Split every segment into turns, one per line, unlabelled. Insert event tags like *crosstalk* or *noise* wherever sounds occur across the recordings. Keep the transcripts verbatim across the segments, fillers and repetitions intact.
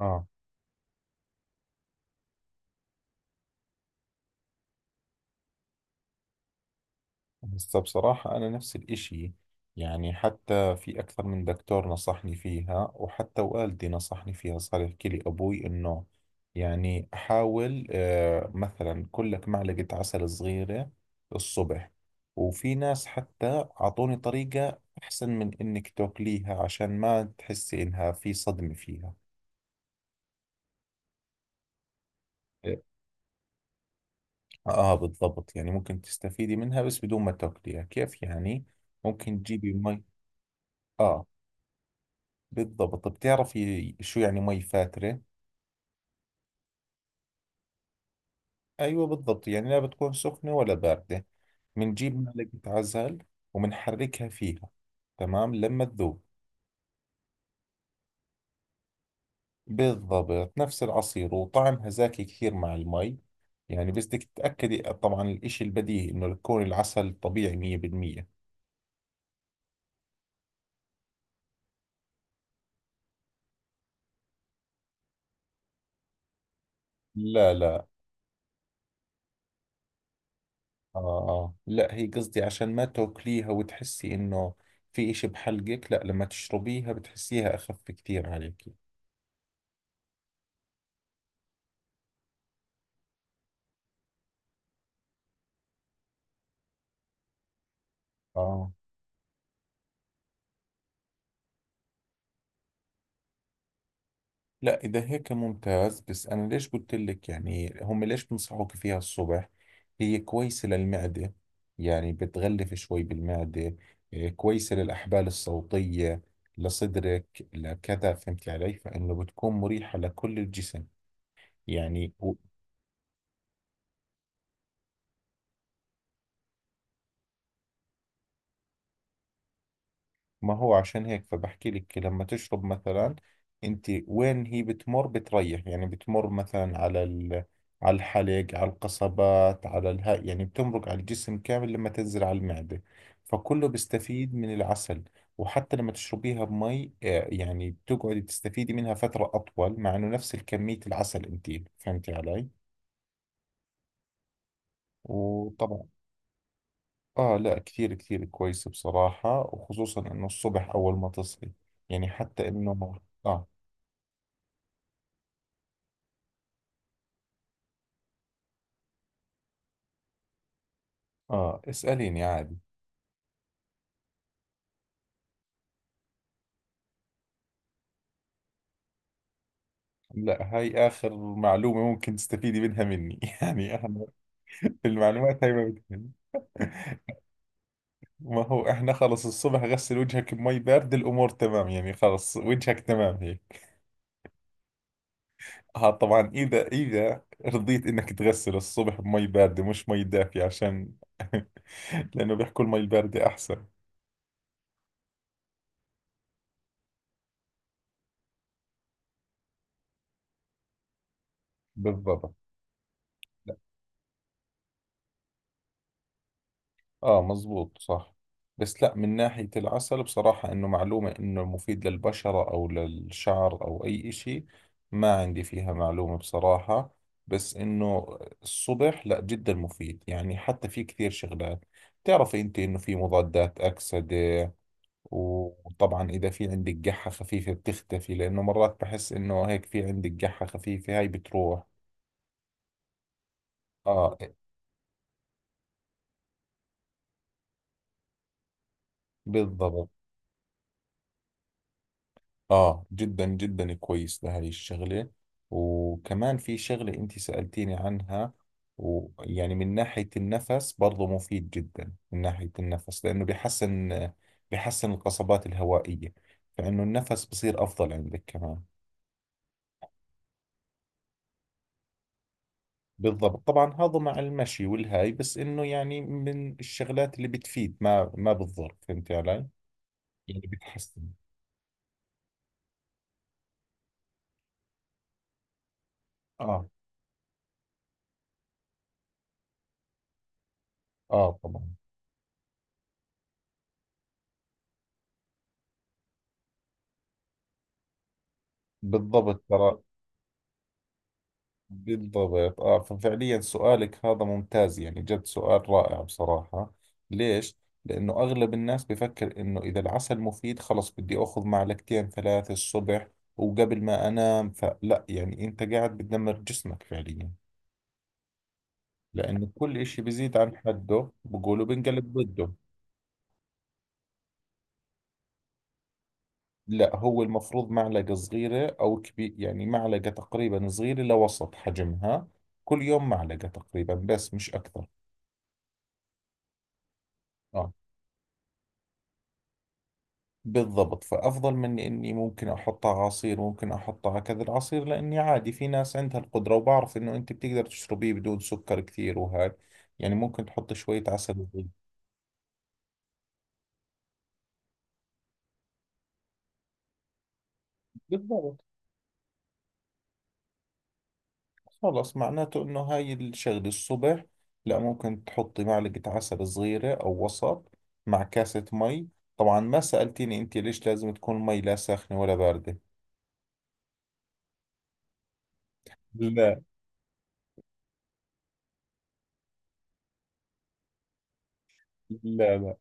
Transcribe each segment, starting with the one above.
اه، بس بصراحة أنا نفس الإشي. يعني حتى في أكثر من دكتور نصحني فيها، وحتى والدي نصحني فيها. صار يحكي لي أبوي إنه يعني حاول آه مثلا كلك معلقة عسل صغيرة الصبح. وفي ناس حتى أعطوني طريقة أحسن من إنك تاكليها، عشان ما تحسي إنها في صدمة فيها. إيه. آه، بالضبط. يعني ممكن تستفيدي منها بس بدون ما تاكليها. كيف يعني؟ ممكن تجيبي مي. آه، بالضبط. بتعرفي شو يعني مي فاترة؟ أيوة بالضبط، يعني لا بتكون سخنة ولا باردة. بنجيب معلقة عسل وبنحركها فيها، تمام، لما تذوب. بالضبط نفس العصير، وطعمها زاكي كثير مع المي. يعني بس بدك تتأكدي طبعا، الإشي البديهي إنه يكون العسل طبيعي مية بالمية. لا لا. آه. آه. لا هي قصدي عشان ما تاكليها وتحسي إنه في إشي بحلقك. لا لما تشربيها بتحسيها أخف كثير عليكي. آه، لا إذا هيك ممتاز. بس أنا ليش قلت لك، يعني هم ليش بنصحوك فيها الصبح، هي كويسة للمعدة، يعني بتغلف شوي بالمعدة. إيه، كويسة للأحبال الصوتية، لصدرك، لكذا. فهمتي علي؟ فإنه بتكون مريحة لكل الجسم يعني. ما هو عشان هيك فبحكي لك، لما تشرب مثلا، انت وين هي بتمر بتريح. يعني بتمر مثلا على ال... على الحلق، على القصبات، على الها. يعني بتمرق على الجسم كامل لما تنزل على المعدة، فكله بيستفيد من العسل. وحتى لما تشربيها بمي آه، يعني بتقعدي تستفيدي منها فترة أطول، مع إنه نفس الكمية العسل أنت. فهمتي علي؟ وطبعا، آه، لا كثير كثير كويسة بصراحة، وخصوصا إنه الصبح أول ما تصحي. يعني حتى إنه، آه، اه اسأليني عادي. لا هاي آخر معلومة ممكن تستفيدي منها مني *laughs* يعني احنا المعلومات هاي ما بدهن *laughs* ما هو احنا خلص الصبح غسل وجهك بمي باردة، الأمور تمام. يعني خلص وجهك تمام هيك. اه طبعا، إذا إذا رضيت إنك تغسل الصبح بمي باردة مش مي دافية عشان *laughs* لأنه بيحكوا المي الباردة أحسن. بالضبط. اه مزبوط صح. بس لا من ناحية العسل بصراحة، انه معلومة انه مفيد للبشرة او للشعر او اي اشي، ما عندي فيها معلومة بصراحة. بس انه الصبح لا جدا مفيد. يعني حتى في كثير شغلات، بتعرفي انت انه في مضادات اكسدة. وطبعا اذا في عندك قحة خفيفة بتختفي، لانه مرات بحس انه هيك في عندك قحة خفيفة هاي بتروح. اه بالضبط. اه جدا جدا كويس لهذه الشغلة. وكمان في شغلة انت سألتيني عنها، ويعني من ناحية النفس برضو مفيد جدا. من ناحية النفس لأنه بيحسن، بيحسن القصبات الهوائية، فإنه النفس بصير أفضل عندك كمان. بالضبط، طبعا هذا مع المشي والهاي. بس إنه يعني من الشغلات اللي بتفيد ما ما بتضر. فهمتي علي؟ يعني بتحسن. اه. اه طبعا. بالضبط ترى. بالضبط. اه ففعليا سؤالك هذا ممتاز، يعني جد سؤال رائع بصراحة. ليش؟ لأنه أغلب الناس بفكر إنه إذا العسل مفيد خلص بدي أخذ معلقتين ثلاثة الصبح وقبل ما أنام. فلا، يعني أنت قاعد بتدمر جسمك فعليا، لأنه كل إشي بزيد عن حده بقولوا بنقلب ضده. لا هو المفروض معلقة صغيرة أو كبير. يعني معلقة تقريبا صغيرة لوسط حجمها، كل يوم معلقة تقريبا، بس مش أكثر. آه بالضبط. فأفضل من إني ممكن أحطها عصير، ممكن أحطها كذا العصير، لأني عادي في ناس عندها القدرة، وبعرف إنه أنت بتقدر تشربيه بدون سكر كثير وهاي. يعني ممكن تحط شوية عسل وزيت. بالضبط. خلص معناته إنه هاي الشغلة الصبح. لا ممكن تحطي معلقة عسل صغيرة أو وسط مع كاسة مي. طبعا ما سألتيني أنت ليش لازم تكون مي لا ساخنة ولا باردة. لا لا. لا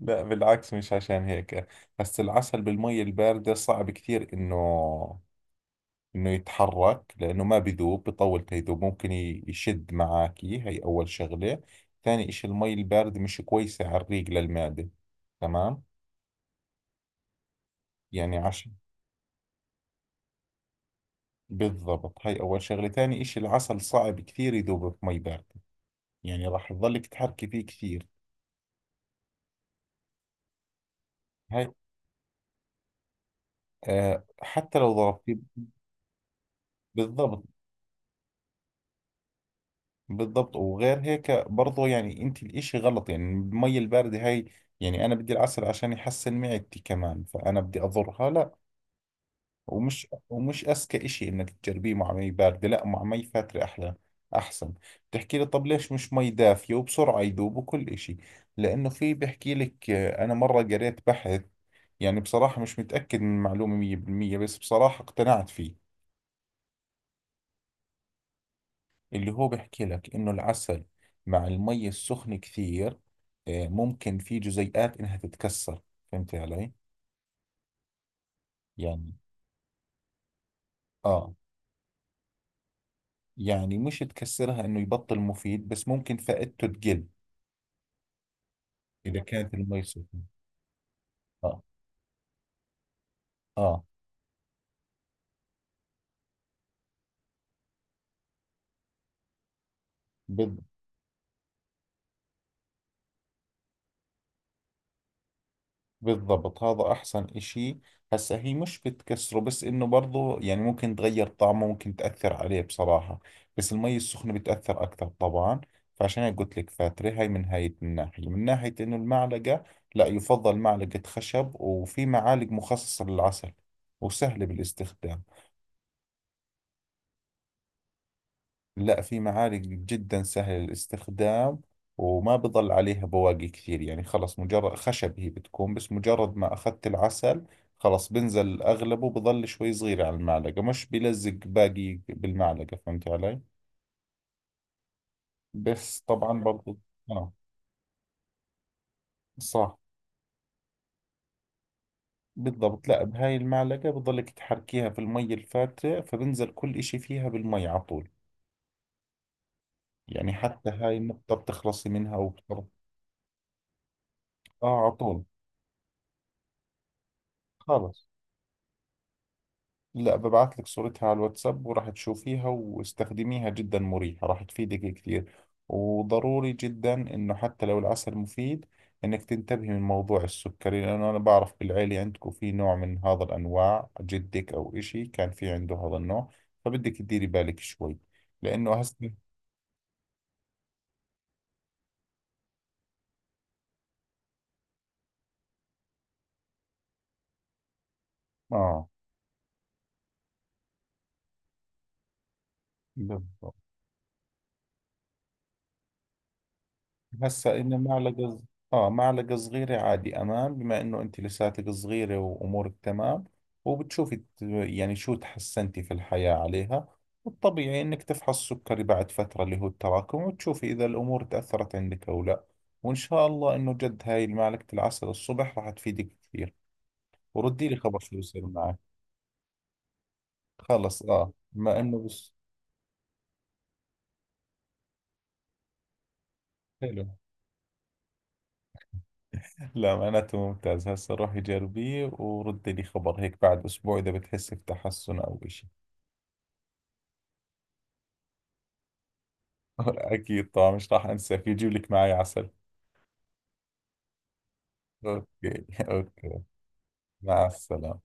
لا بالعكس، مش عشان هيك. بس العسل بالمي الباردة صعب كثير انه انه يتحرك، لانه ما بذوب بطول. تيذوب ممكن ي- يشد معاكي، هي اول شغلة. ثاني اشي المي الباردة مش كويسة على الريق للمعدة، تمام؟ يعني عشان، بالضبط، هاي اول شغلة. ثاني اشي، العسل صعب كثير يذوب في مي باردة، يعني راح تظلك تحركي فيه كثير. هاي، أه حتى لو ضربتي. بالضبط. بالضبط. وغير هيك برضو، يعني انت الاشي غلط يعني المي الباردة هاي. يعني انا بدي العسل عشان يحسن معدتي كمان، فانا بدي اضرها؟ لا. ومش ومش اذكى اشي انك تجربيه مع مي باردة، لا مع مي فاترة احلى، احسن. بتحكي لي طب ليش مش مي دافية وبسرعة يذوب وكل اشي؟ لانه في بحكي لك، آه، انا مرة قريت بحث، يعني بصراحة مش متأكد من المعلومة مية بالمية، بس بصراحة اقتنعت فيه. اللي هو بيحكي لك إنه العسل مع المي السخن كثير، آه، ممكن في جزيئات إنها تتكسر. فهمت علي؟ يعني آه، يعني مش تكسرها إنه يبطل مفيد، بس ممكن فائدته تقل إذا كانت المي سخنة. آه. آه. بالضبط. بالضبط هذا أحسن إشي. هسا هي مش بتكسره، بس إنه برضو يعني ممكن تغير طعمه، ممكن تأثر عليه بصراحة. بس المي السخنة بتأثر أكثر طبعا. فعشان هيك قلت لك فاترة، هاي من هاي الناحية، من ناحية إنه المعلقة لا، يفضل معلقة خشب. وفي معالق مخصصة للعسل وسهلة بالاستخدام. لا في معالق جدا سهل الاستخدام، وما بضل عليها بواقي كثير. يعني خلص مجرد خشب هي بتكون، بس مجرد ما أخذت العسل خلص بنزل أغلبه، بضل شوي صغير على المعلقة، مش بيلزق باقي بالمعلقة. فهمت علي؟ بس طبعا برضو، آه. صح، بالضبط. لا بهاي المعلقة بضلك تحركيها في المي الفاترة، فبنزل كل إشي فيها بالمي على طول. يعني حتى هاي النقطة بتخلصي منها وبتر... آه على طول، خلص. لا ببعت لك صورتها على الواتساب وراح تشوفيها واستخدميها، جدا مريحة، راح تفيدك كثير. وضروري جدا انه حتى لو العسل مفيد، انك تنتبهي من موضوع السكري، لانه انا بعرف بالعيلة عندكم في نوع من هذا الانواع، جدك او اشي كان في عنده هذا النوع، فبدك تديري بالك شوي لانه هسه. اه بالضبط. هسا إني معلقة ز- آه معلقة صغيرة عادي أمان، بما إنه أنت لساتك صغيرة وأمورك تمام. وبتشوفي ت- يعني شو تحسنتي في الحياة عليها. والطبيعي إنك تفحص سكري بعد فترة، اللي هو التراكم، وتشوفي إذا الأمور تأثرت عندك أو لا. وإن شاء الله إنه جد هاي معلقة العسل الصبح راح تفيدك كثير. وردي لي خبر شو بصير معك. خلص آه، ما إنه بس. حلو *laughs* لا معناته ممتاز، هسه روحي جربيه وردي لي خبر هيك بعد أسبوع إذا بتحسي بتحسن أو إشي. *laughs* اكيد طبعا، مش راح انساك يجيب لك معي عسل. اوكي *laughs* اوكي. مع السلامة.